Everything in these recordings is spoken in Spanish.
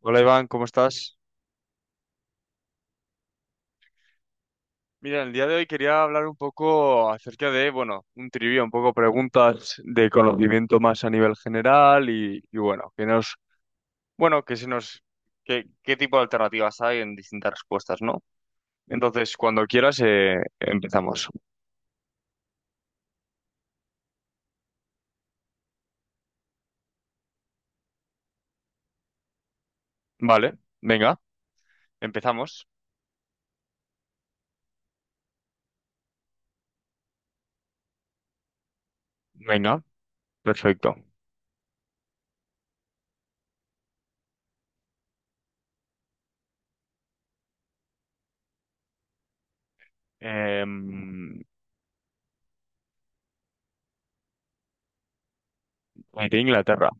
Hola Iván, ¿cómo estás? Mira, el día de hoy quería hablar un poco acerca de, bueno, un trivia, un poco preguntas de conocimiento más a nivel general y bueno, que nos, bueno, que se nos, ¿qué tipo de alternativas hay en distintas respuestas, ¿no? Entonces, cuando quieras, empezamos. Vale, venga, empezamos. Venga, perfecto. Em, de Inglaterra,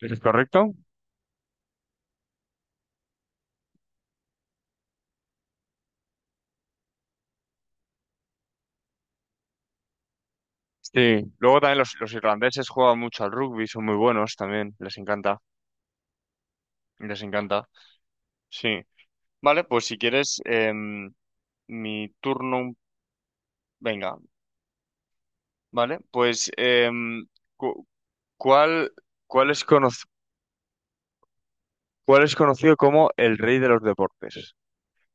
¿es correcto? Sí, luego también los irlandeses juegan mucho al rugby, son muy buenos también, les encanta, les encanta. Sí, vale, pues si quieres, mi turno, venga, vale, pues cu- ¿cuál, cuál es cono- cuál es conocido como el rey de los deportes?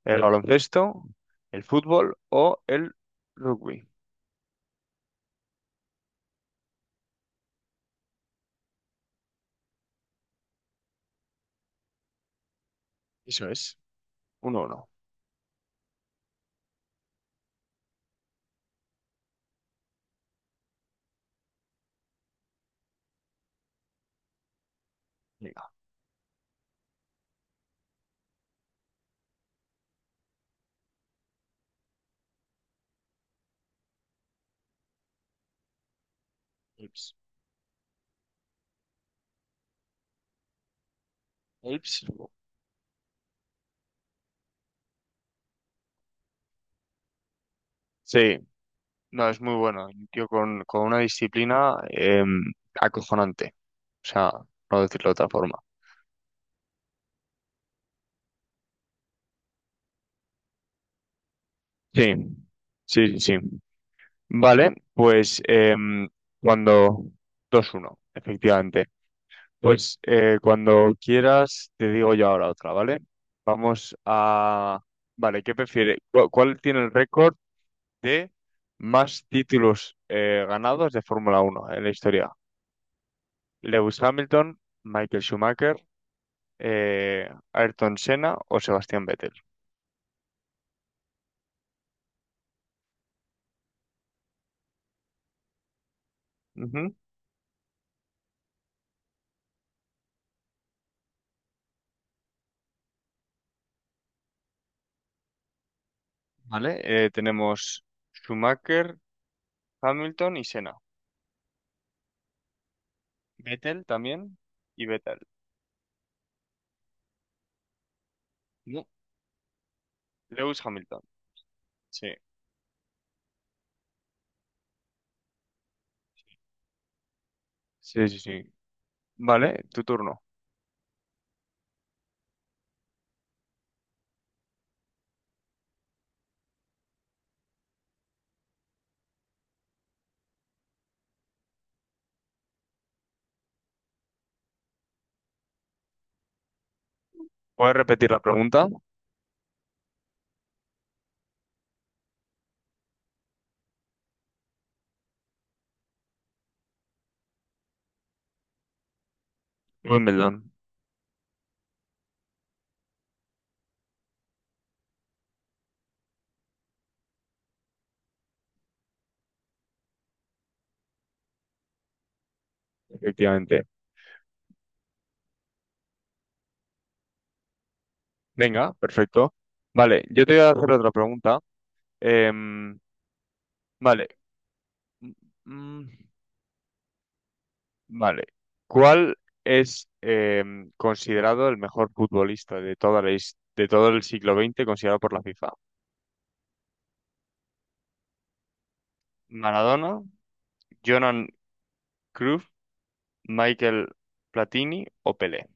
¿El baloncesto, el fútbol o el rugby? Eso es, uno uno. Venga, Ips. Ips. Sí, no, es muy bueno, un tío con una disciplina acojonante, o sea, no decirlo de otra forma. Sí, sí, sí. Sí. Vale, pues cuando dos uno efectivamente. Pues cuando quieras, te digo yo ahora otra, ¿vale? Vamos a... Vale, ¿qué prefiere? ¿Cuál tiene el récord de más títulos ganados de Fórmula Uno en la historia? ¿Lewis Hamilton, Michael Schumacher, Ayrton Senna o Sebastián Vettel? Ujú. Vale, tenemos Schumacher, Hamilton y Senna. Vettel también y Vettel. Lewis Hamilton. Sí, sí, sí, sí. Vale, tu turno. ¿Puedes repetir la pregunta? Wimbledon, efectivamente. Venga, perfecto. Vale, yo te voy a hacer otra pregunta. Em, vale. Mm, mm, vale. ¿Cuál es, considerado el mejor futbolista de toda la de todo el siglo XX considerado por la FIFA? ¿Maradona, Johan Cruyff, Michael Platini o Pelé?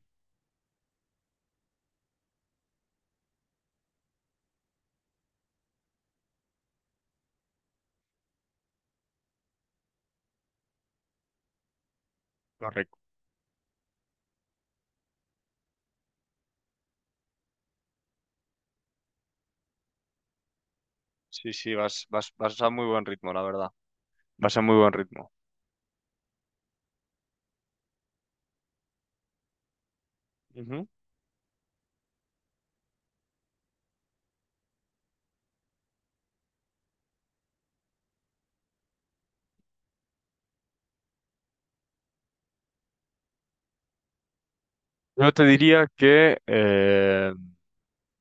Correcto. Sí, sí, vas, vas, vas a muy buen ritmo, la verdad. Vas a muy buen ritmo. Ujú. Yo te diría que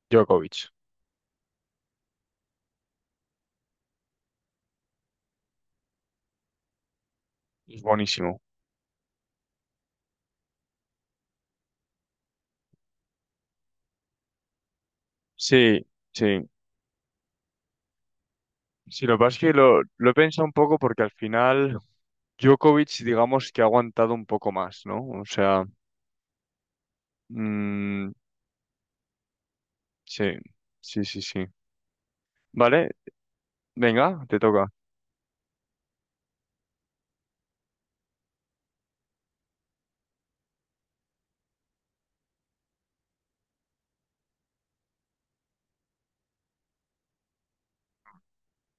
Djokovic es buenísimo. Sí, sí. Sí, lo que pasa es que lo he pensado un poco porque al final Djokovic, digamos que ha aguantado un poco más, ¿no? O sea, mm, sí, sí, sí, sí. Vale, venga, te toca.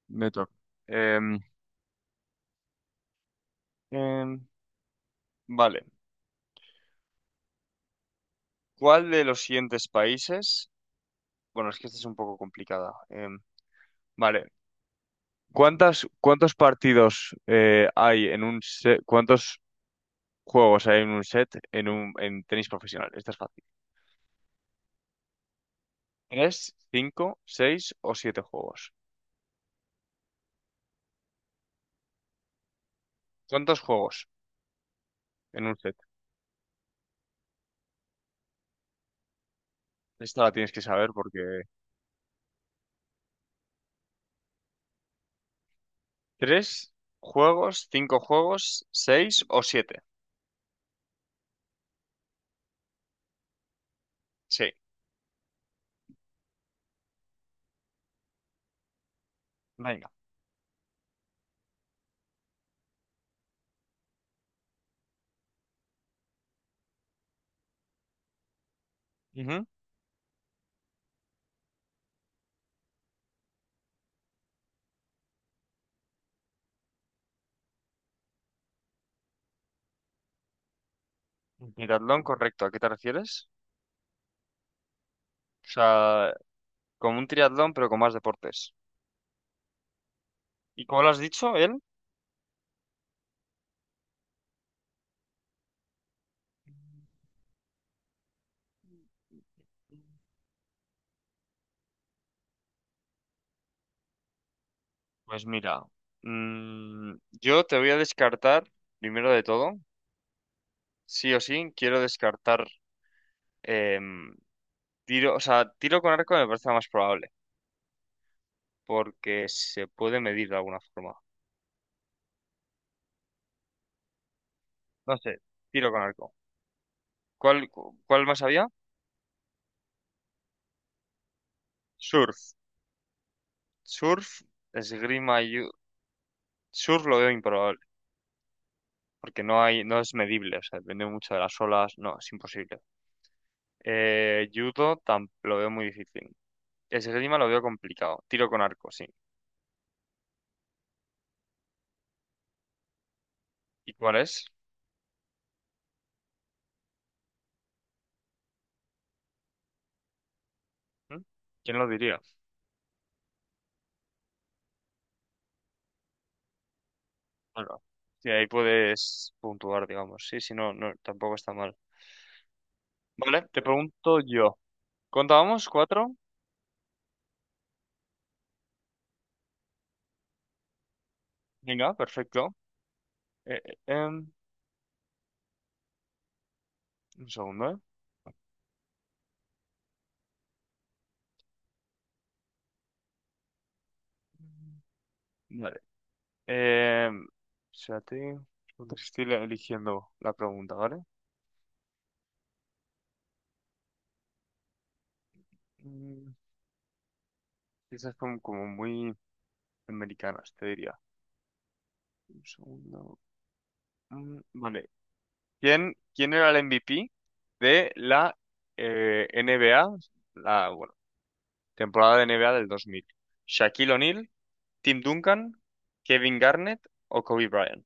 Me toca. Em, em, vale. ¿Cuál de los siguientes países? Bueno, es que esta es un poco complicada. Vale. ¿Cuántas, cuántos partidos hay en un set? ¿Cuántos juegos hay en un set en un en tenis profesional? Esta es fácil. ¿Tres, cinco, seis o siete juegos? ¿Cuántos juegos en un set? Esta la tienes que saber porque tres juegos, cinco juegos, seis o siete. Sí, venga. Ujú. Triatlón, correcto. ¿A qué te refieres? O sea, como un triatlón, pero con más deportes. ¿Y cómo lo has dicho, él? Pues mira, mm, yo te voy a descartar, primero de todo, sí o sí, quiero descartar em, tiro, o sea, tiro con arco me parece lo más probable, porque se puede medir de alguna forma. No sé, tiro con arco. ¿Cuál, cuál más había? Surf. Surf, esgrima y... surf lo veo improbable, porque no hay, no es medible, o sea, depende mucho de las olas, no, es imposible. Judo lo veo muy difícil. Esgrima lo veo complicado. Tiro con arco, sí. ¿Y cuál es? ¿Mm? ¿Quién lo diría? Bueno, sí, ahí puedes puntuar, digamos. Sí, sí, no, no, tampoco está mal. Vale, te pregunto yo. ¿Contábamos cuatro? Venga, perfecto. Eh, eh, em, un segundo, ¿eh? Vale. Em, espérate, porque estoy eligiendo la pregunta, ¿vale? Mm, estas son como muy americanas, te diría. Un segundo. Mm, vale. ¿Quién, quién era el MVP de la NBA? La, bueno, temporada de NBA del 2000. Shaquille O'Neal, Tim Duncan, Kevin Garnett o Kobe Bryant.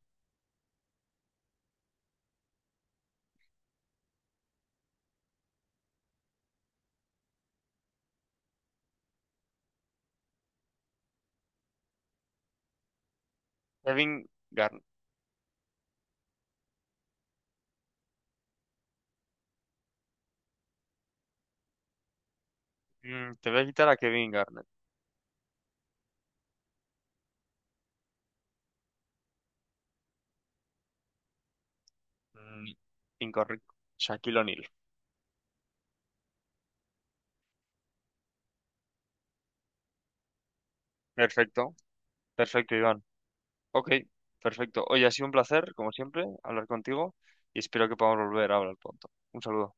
Kevin Garnett. Mm, te voy a quitar a Kevin Garnett. Mm, incorrecto. Shaquille O'Neal. Perfecto. Perfecto, Iván. Ok, perfecto. Oye, ha sido un placer, como siempre, hablar contigo y espero que podamos volver a hablar pronto. Un saludo.